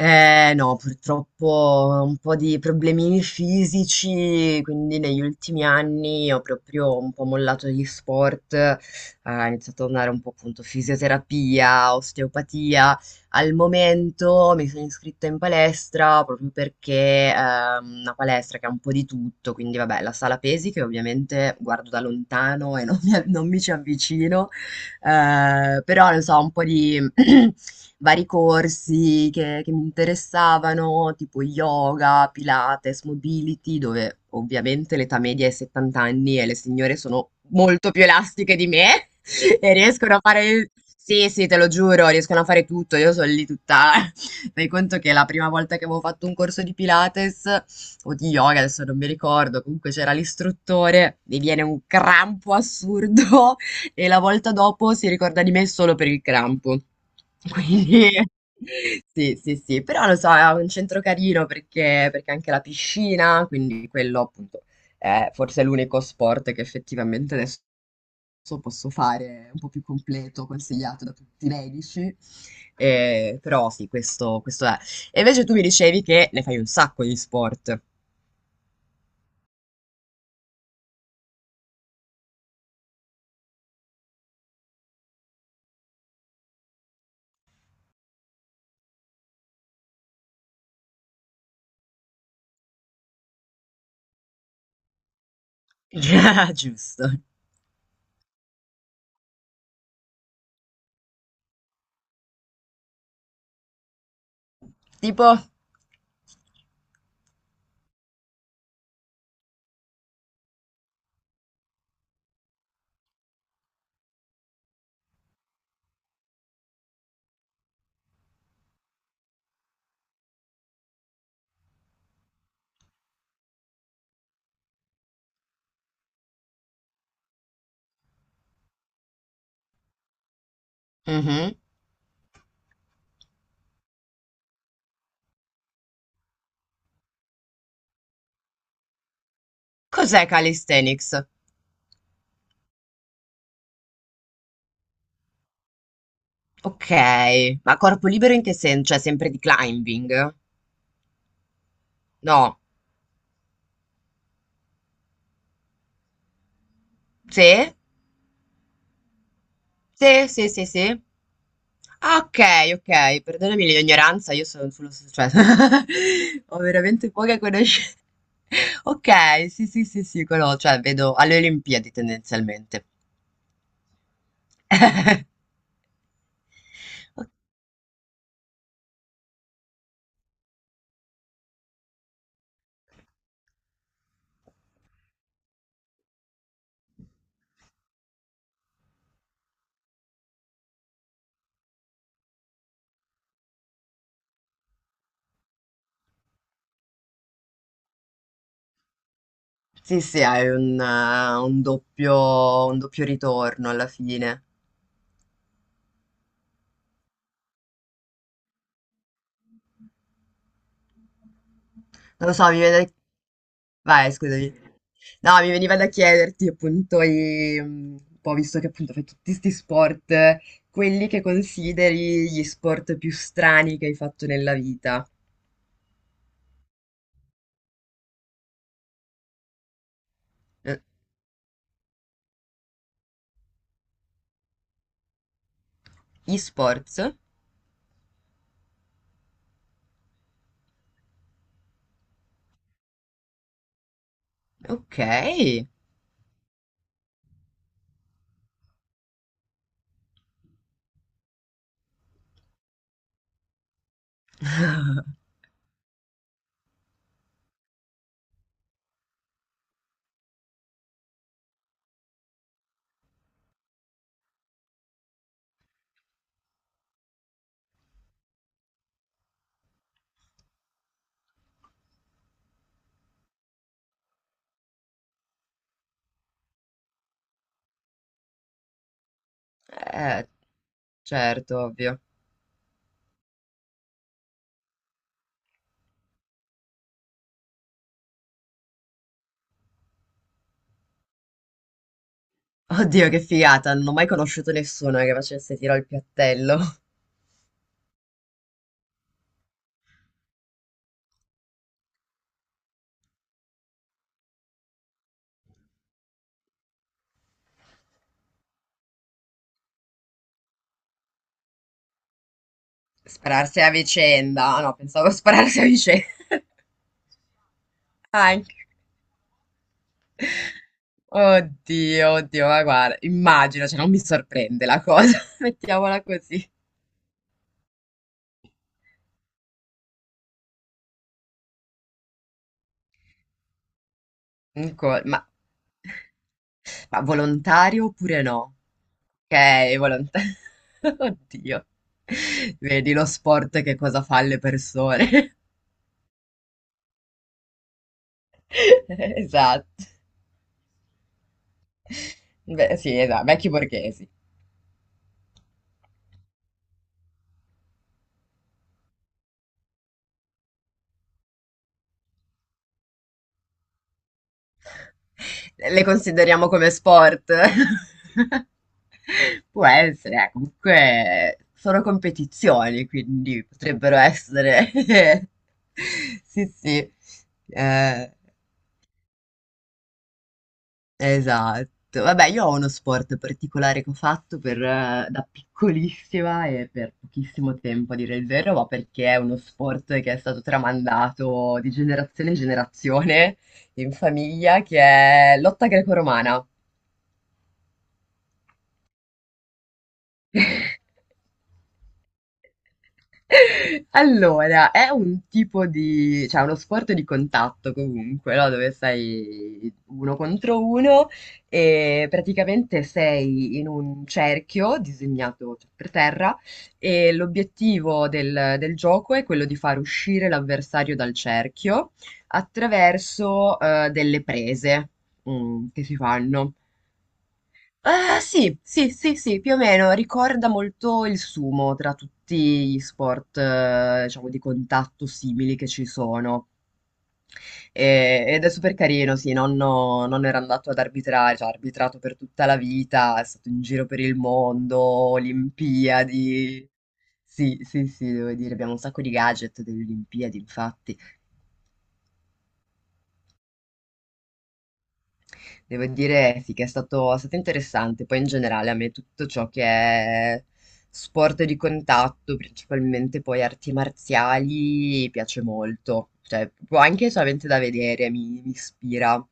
Eh, no, purtroppo un po' di problemini fisici, quindi negli ultimi anni ho proprio un po' mollato gli sport, ho iniziato a andare un po' appunto fisioterapia, osteopatia. Al momento mi sono iscritta in palestra proprio perché è una palestra che ha un po' di tutto, quindi vabbè, la sala pesi che ovviamente guardo da lontano e non mi, non mi ci avvicino, però non so, un po' di... vari corsi che mi interessavano, tipo yoga, Pilates, mobility, dove ovviamente l'età media è 70 anni e le signore sono molto più elastiche di me e riescono a fare... Sì, sì, te lo giuro, riescono a fare tutto. Io sono lì tutta... Fai conto che la prima volta che avevo fatto un corso di Pilates o di yoga, adesso non mi ricordo, comunque c'era l'istruttore, mi viene un crampo assurdo e la volta dopo si ricorda di me solo per il crampo. Quindi sì, sì, sì, però lo so, è un centro carino perché anche la piscina, quindi quello appunto è forse l'unico sport che effettivamente adesso posso fare un po' più completo, consigliato da tutti i medici. Però sì, questo è. E invece tu mi dicevi che ne fai un sacco di sport. Già, giusto. Tipo, mhm. Cos'è calisthenics? Ok, ma corpo libero in che senso? Cioè sempre di climbing? No. Sì? Sì, sì, sì, sì. Ah, ok, ok, perdonami l'ignoranza, io sono sullo... cioè, ho veramente poche conoscenze. Ok, sì, sì, sì, sì, quello, cioè vedo alle Olimpiadi tendenzialmente. Ok, sì, sì, hai un doppio ritorno alla fine. Non lo so, mi viene... Vai, scusami. No, mi veniva da chiederti appunto, mm, un po' visto che appunto fai tutti questi sport, quelli che consideri gli sport più strani che hai fatto nella vita. Eh, Gli sport? Ok, certo, ovvio. Oddio, che figata, non ho mai conosciuto nessuno che facesse tiro al piattello. Spararsi a vicenda, ah, no, pensavo spararsi a vicenda. Anche. Oddio, oddio, ma guarda, immagino, cioè non mi sorprende la cosa, mettiamola così. Un co- ma, ma volontario oppure no? Ok, volontario. Oddio. Vedi lo sport che cosa fa alle persone. Esatto. Beh, sì, esatto, vecchi borghesi. Le consideriamo come sport? Può essere, comunque sono competizioni, quindi potrebbero essere. Sì, sì. Eh, esatto. Vabbè, io ho uno sport particolare che ho fatto per, da piccolissima e per pochissimo tempo, a dire il vero, ma perché è uno sport che è stato tramandato di generazione in generazione in famiglia, che è lotta greco-romana. Allora, è un tipo di cioè, è uno sport di contatto comunque, no, dove sei uno contro uno e praticamente sei in un cerchio disegnato cioè, per terra e l'obiettivo del gioco è quello di far uscire l'avversario dal cerchio attraverso delle prese mm, che si fanno. Ah, sì, sì, sì, sì, più o meno, ricorda molto il sumo tra tutti gli sport, diciamo, di contatto simili che ci sono. Ed è super carino, sì, nonno era andato ad arbitrare, cioè ha arbitrato per tutta la vita, è stato in giro per il mondo, Olimpiadi. Sì, sì, sì, devo dire, abbiamo un sacco di gadget delle Olimpiadi, infatti. Devo dire sì che è stato interessante, poi in generale a me tutto ciò che è sport di contatto, principalmente poi arti marziali, piace molto, cioè proprio anche solamente da vedere mi, mi ispira.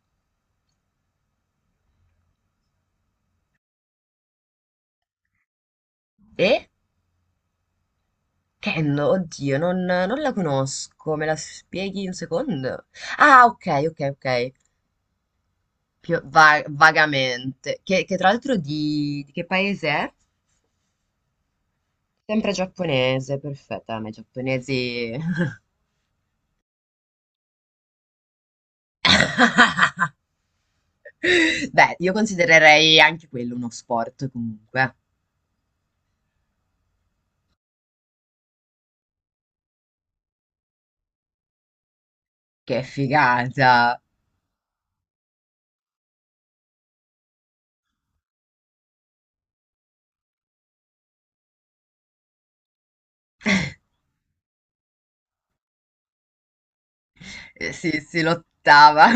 E Ken, oddio, non la conosco, me la spieghi un secondo? Ah, ok, ok, ok, più vagamente, che tra l'altro di che paese è? Sempre giappponese, perfetto, a me i giapponesi... Beh, io considererei anche quello uno sport comunque. Che figata! Sì, si lottava.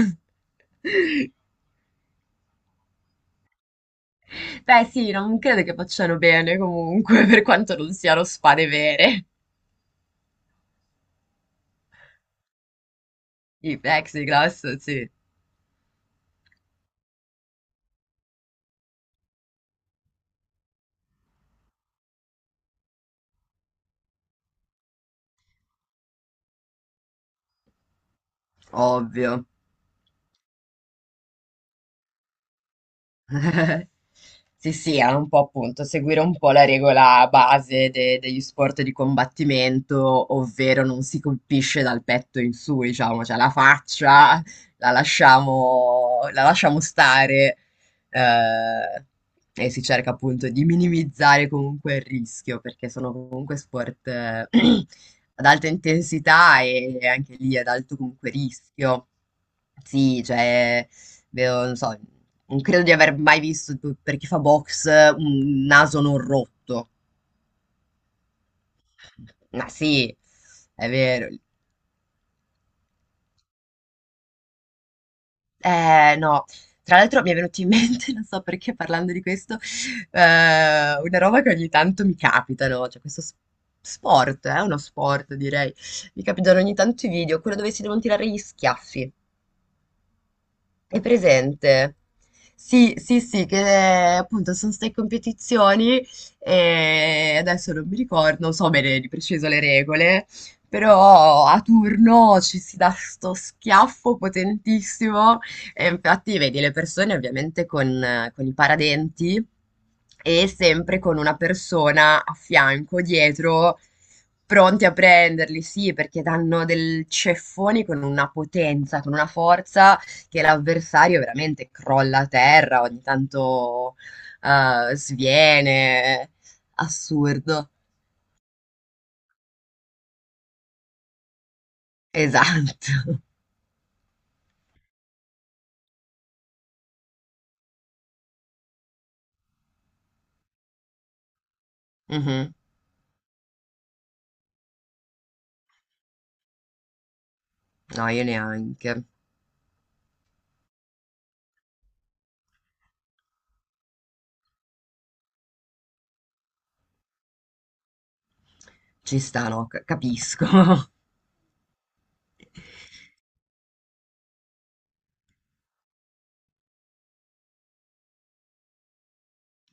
Beh, sì, non credo che facciano bene comunque, per quanto non siano spade vere. I plexiglass, sì, ovvio. Sì, sì, era un po' appunto seguire un po' la regola base degli sport di combattimento, ovvero non si colpisce dal petto in su, diciamo, cioè la faccia la lasciamo stare eh, e si cerca appunto di minimizzare comunque il rischio, perché sono comunque sport ad alta intensità e anche lì ad alto comunque rischio. Sì, cioè... Vedo, non so, non credo di aver mai visto, per chi fa box, un naso non rotto. Ma sì, è vero. No. Tra l'altro mi è venuto in mente, non so perché parlando di questo, eh, una roba che ogni tanto mi capita, no? Cioè questo sport, è uno sport direi. Mi capitano ogni tanto i video, quello dove si devono tirare gli schiaffi. È presente? Sì, sì, sì, che appunto sono state competizioni e adesso non mi ricordo, non so bene di preciso le regole, però a turno ci si dà sto schiaffo potentissimo e infatti vedi le persone ovviamente con i paradenti e sempre con una persona a fianco, dietro, pronti a prenderli, sì, perché danno del ceffoni con una potenza, con una forza che l'avversario veramente crolla a terra, ogni tanto sviene. Assurdo. Esatto. Mhm. No, io neanche. Ci sta, no, capisco.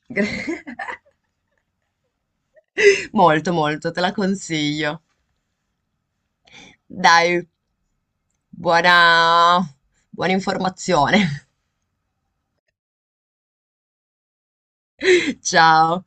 Molto, molto, te la consiglio. Dai, buona, buona informazione. Ciao.